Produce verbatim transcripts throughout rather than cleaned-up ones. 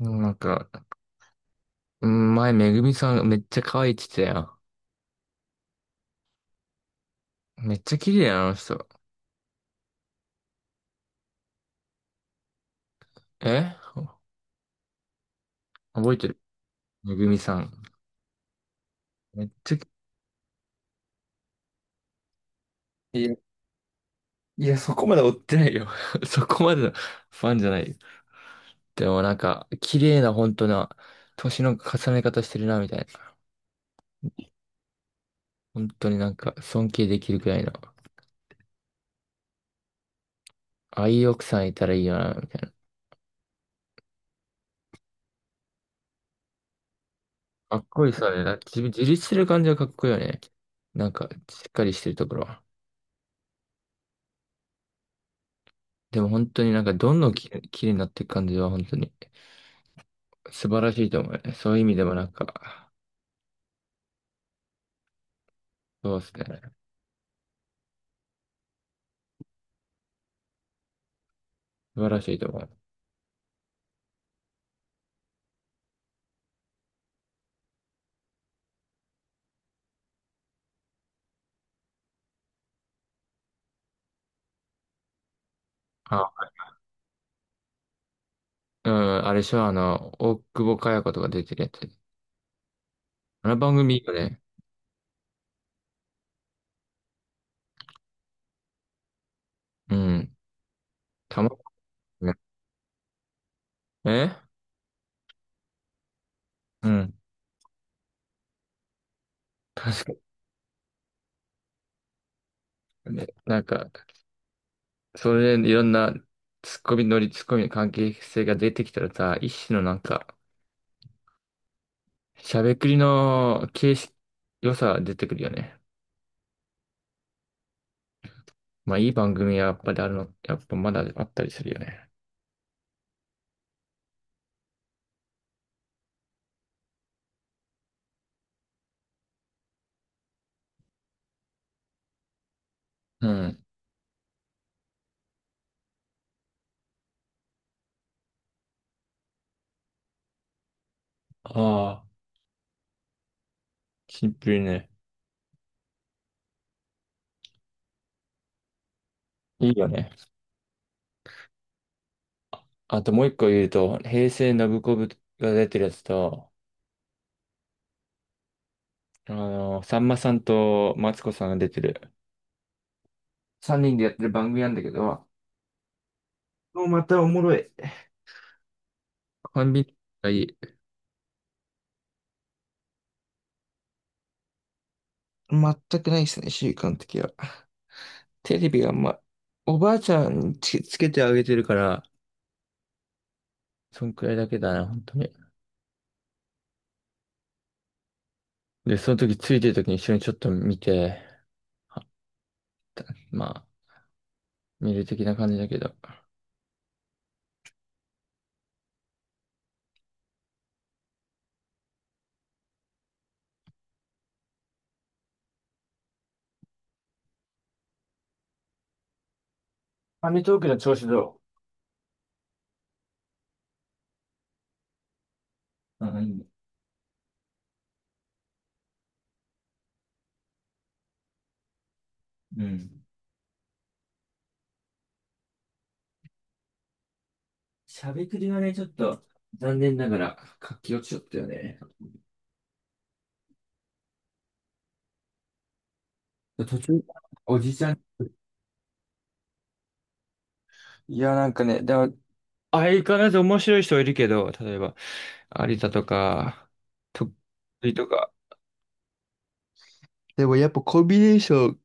うん、なんか、うん、前、めぐみさんめっちゃ可愛いって言ってたよ。めっちゃ綺麗な、あの人。え、覚えてる？めぐみさん。めっちゃ、いや、いや、そこまで追ってないよ。そこまでのファンじゃないよ。でもなんか、綺麗な、本当な、年の重ね方してるな、みたいな。本当になんか、尊敬できるくらいの。ああいう奥さんいたらいいよな、みたいな。かっこいいさね。なんか自分自立してる感じはかっこいいよね。なんか、しっかりしてるところ。でも本当になんかどんどんき、綺麗になっていく感じは本当に素晴らしいと思うね。そういう意味でもなんか、そうですね。素晴らしいと思う。あ、うん、あれでしょ、あの、大久保佳代子とか出てるやつ。あの番組いいよね。うん。たまんないね。えうん。確かにね。なんか、それでいろんなツッコミ乗り、ツッコミの関係性が出てきたらさ、一種のなんか、しゃべくりの形式、良さが出てくるよね。まあいい番組はやっぱりあるの、やっぱまだあったりするよね。うん。ああ、シンプルね。いいよね。あともう一個言うと、平成ノブコブが出てるやつと、あの、さんまさんとマツコさんが出てる。さんにんでやってる番組なんだけど、もうまたおもろい。コンビニがいい。全くないですね、習慣的は。テレビがあんま、おばあちゃんにつけ、つけてあげてるから、そんくらいだけだな、本当に。で、その時ついてる時に一緒にちょっと見て、あ、まあ、見る的な感じだけど。アメトークの調子どう？あ、いいね。うん。しゃべくりはね、ちょっと、残念ながら、活気落ちちゃったよね。途中、おじちゃん。いや、なんかね、でも、相変わらず面白い人いるけど、例えば、有田とか、と、とか。でもやっぱコンビネーション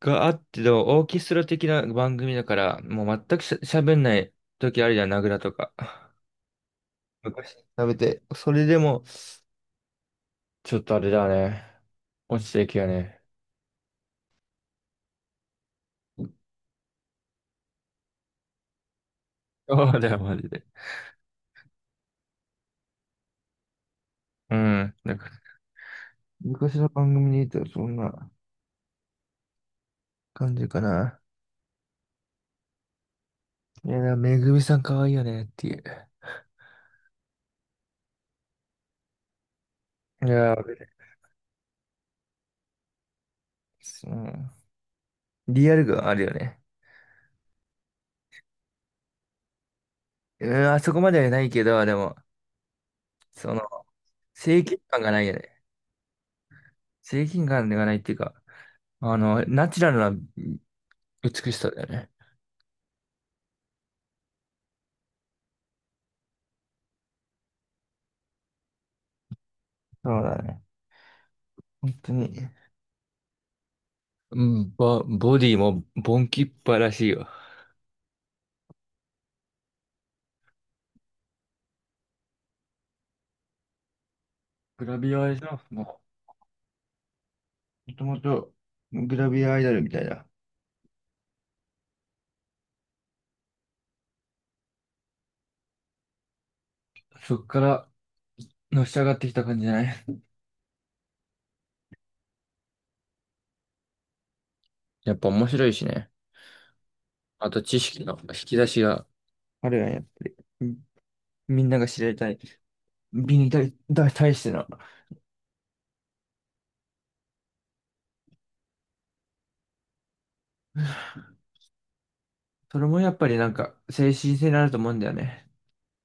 があっての、オーケストラ的な番組だから、もう全くしゃ、喋んない時あるじゃん、名倉とか。昔食べて、それでも、ちょっとあれだね。落ちていくよね。そうだよ、マジで。うん。なんか昔の番組にいたらそんな感じかな。いや、めぐみさん可愛いよねっていう。いや、俺ね、うん。リアル感あるよね。うん、あそこまではないけど、でも、その、正義感がないよね。正義感がないっていうか、あの、ナチュラルな美しさだよね。そうだね。本当に。うん、ボ、ボディもボンキッパらしいよ。グラビアアイドルも、もともとグラビアアイドルみたいな。そっからのし上がってきた感じじゃない？やっぱ面白いしね。あと知識の引き出しが。あるやん、やっぱり。みみんなが知りたい。美に対、だ対しての。それもやっぱりなんか、精神性になると思うんだよね。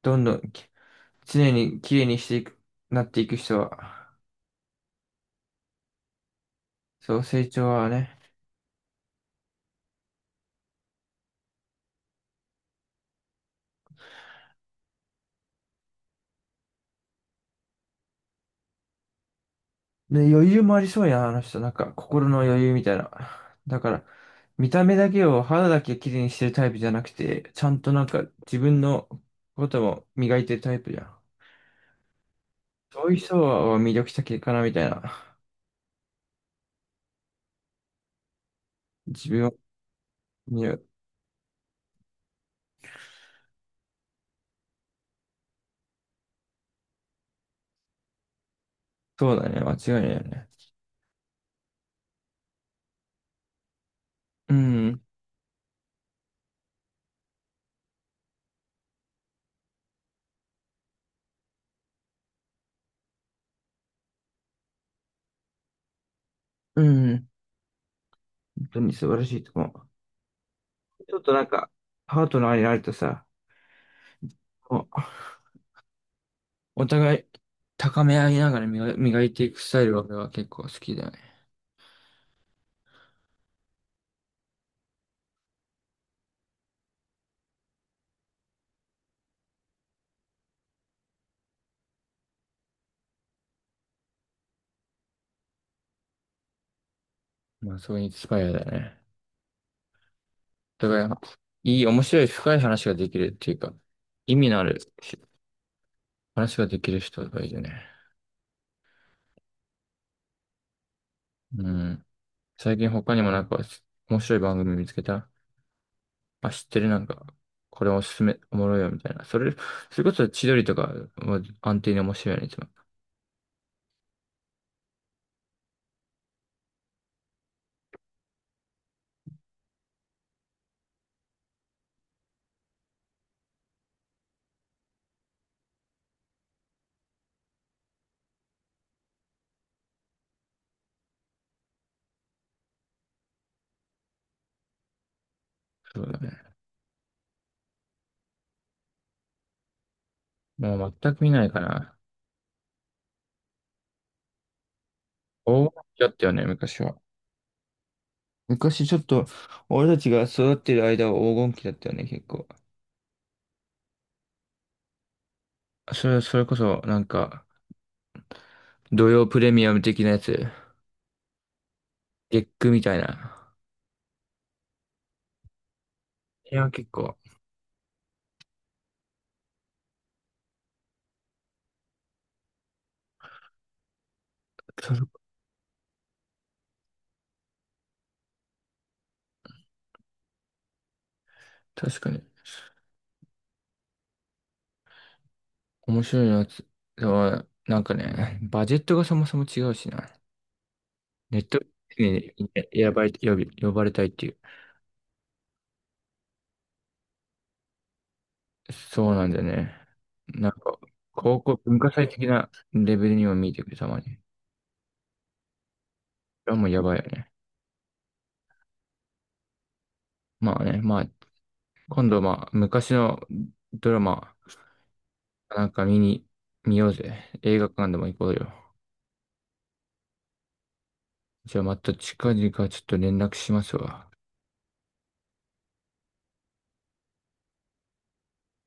どんどんき、常に綺麗にしていく、なっていく人は、そう、成長はね。で、余裕もありそうやん、あの人。なんか、心の余裕みたいな。だから、見た目だけを、肌だけ綺麗にしてるタイプじゃなくて、ちゃんとなんか、自分のことも磨いてるタイプじゃん。そういう人は魅力的かな、みたいな。自分には、そうだね、間違いないよね。うん、うん、本当に素晴らしいと思う。ちょっとなんか、パートナーになるとさ、おお互い高め合いながら磨、磨いていくスタイルは俺は結構好きだね。まあ、そういうインスパイアだよね。お互い、いい、面白い、深い話ができるっていうか、意味のある話ができる人がいいよね。うん。最近他にもなんか、面白い番組見つけた？あ、知ってる、なんか、これおすすめ、おもろいよ、みたいな。それ、それこそ千鳥とか、安定に面白いよね、いつも。そうだね。もう全く見ないかな。黄金期だったよね、昔は。昔ちょっと、俺たちが育ってる間は黄金期だったよね、結構。それ、それこそ、なんか、土曜プレミアム的なやつ、月クみたいな。いや、結構、そ確かに、面白いやつ。でも、なんかね、バジェットがそもそも違うしな。ネットにね選ばれ、呼び、呼ばれたいっていう。そうなんだよね。なんか、高校文化祭的なレベルにも見えてくる、たまに。あ、もうやばいよね。まあね、まあ、今度まあ、昔のドラマ、なんか見に、見ようぜ。映画館でも行こうよ。じゃあまた近々ちょっと連絡しますわ。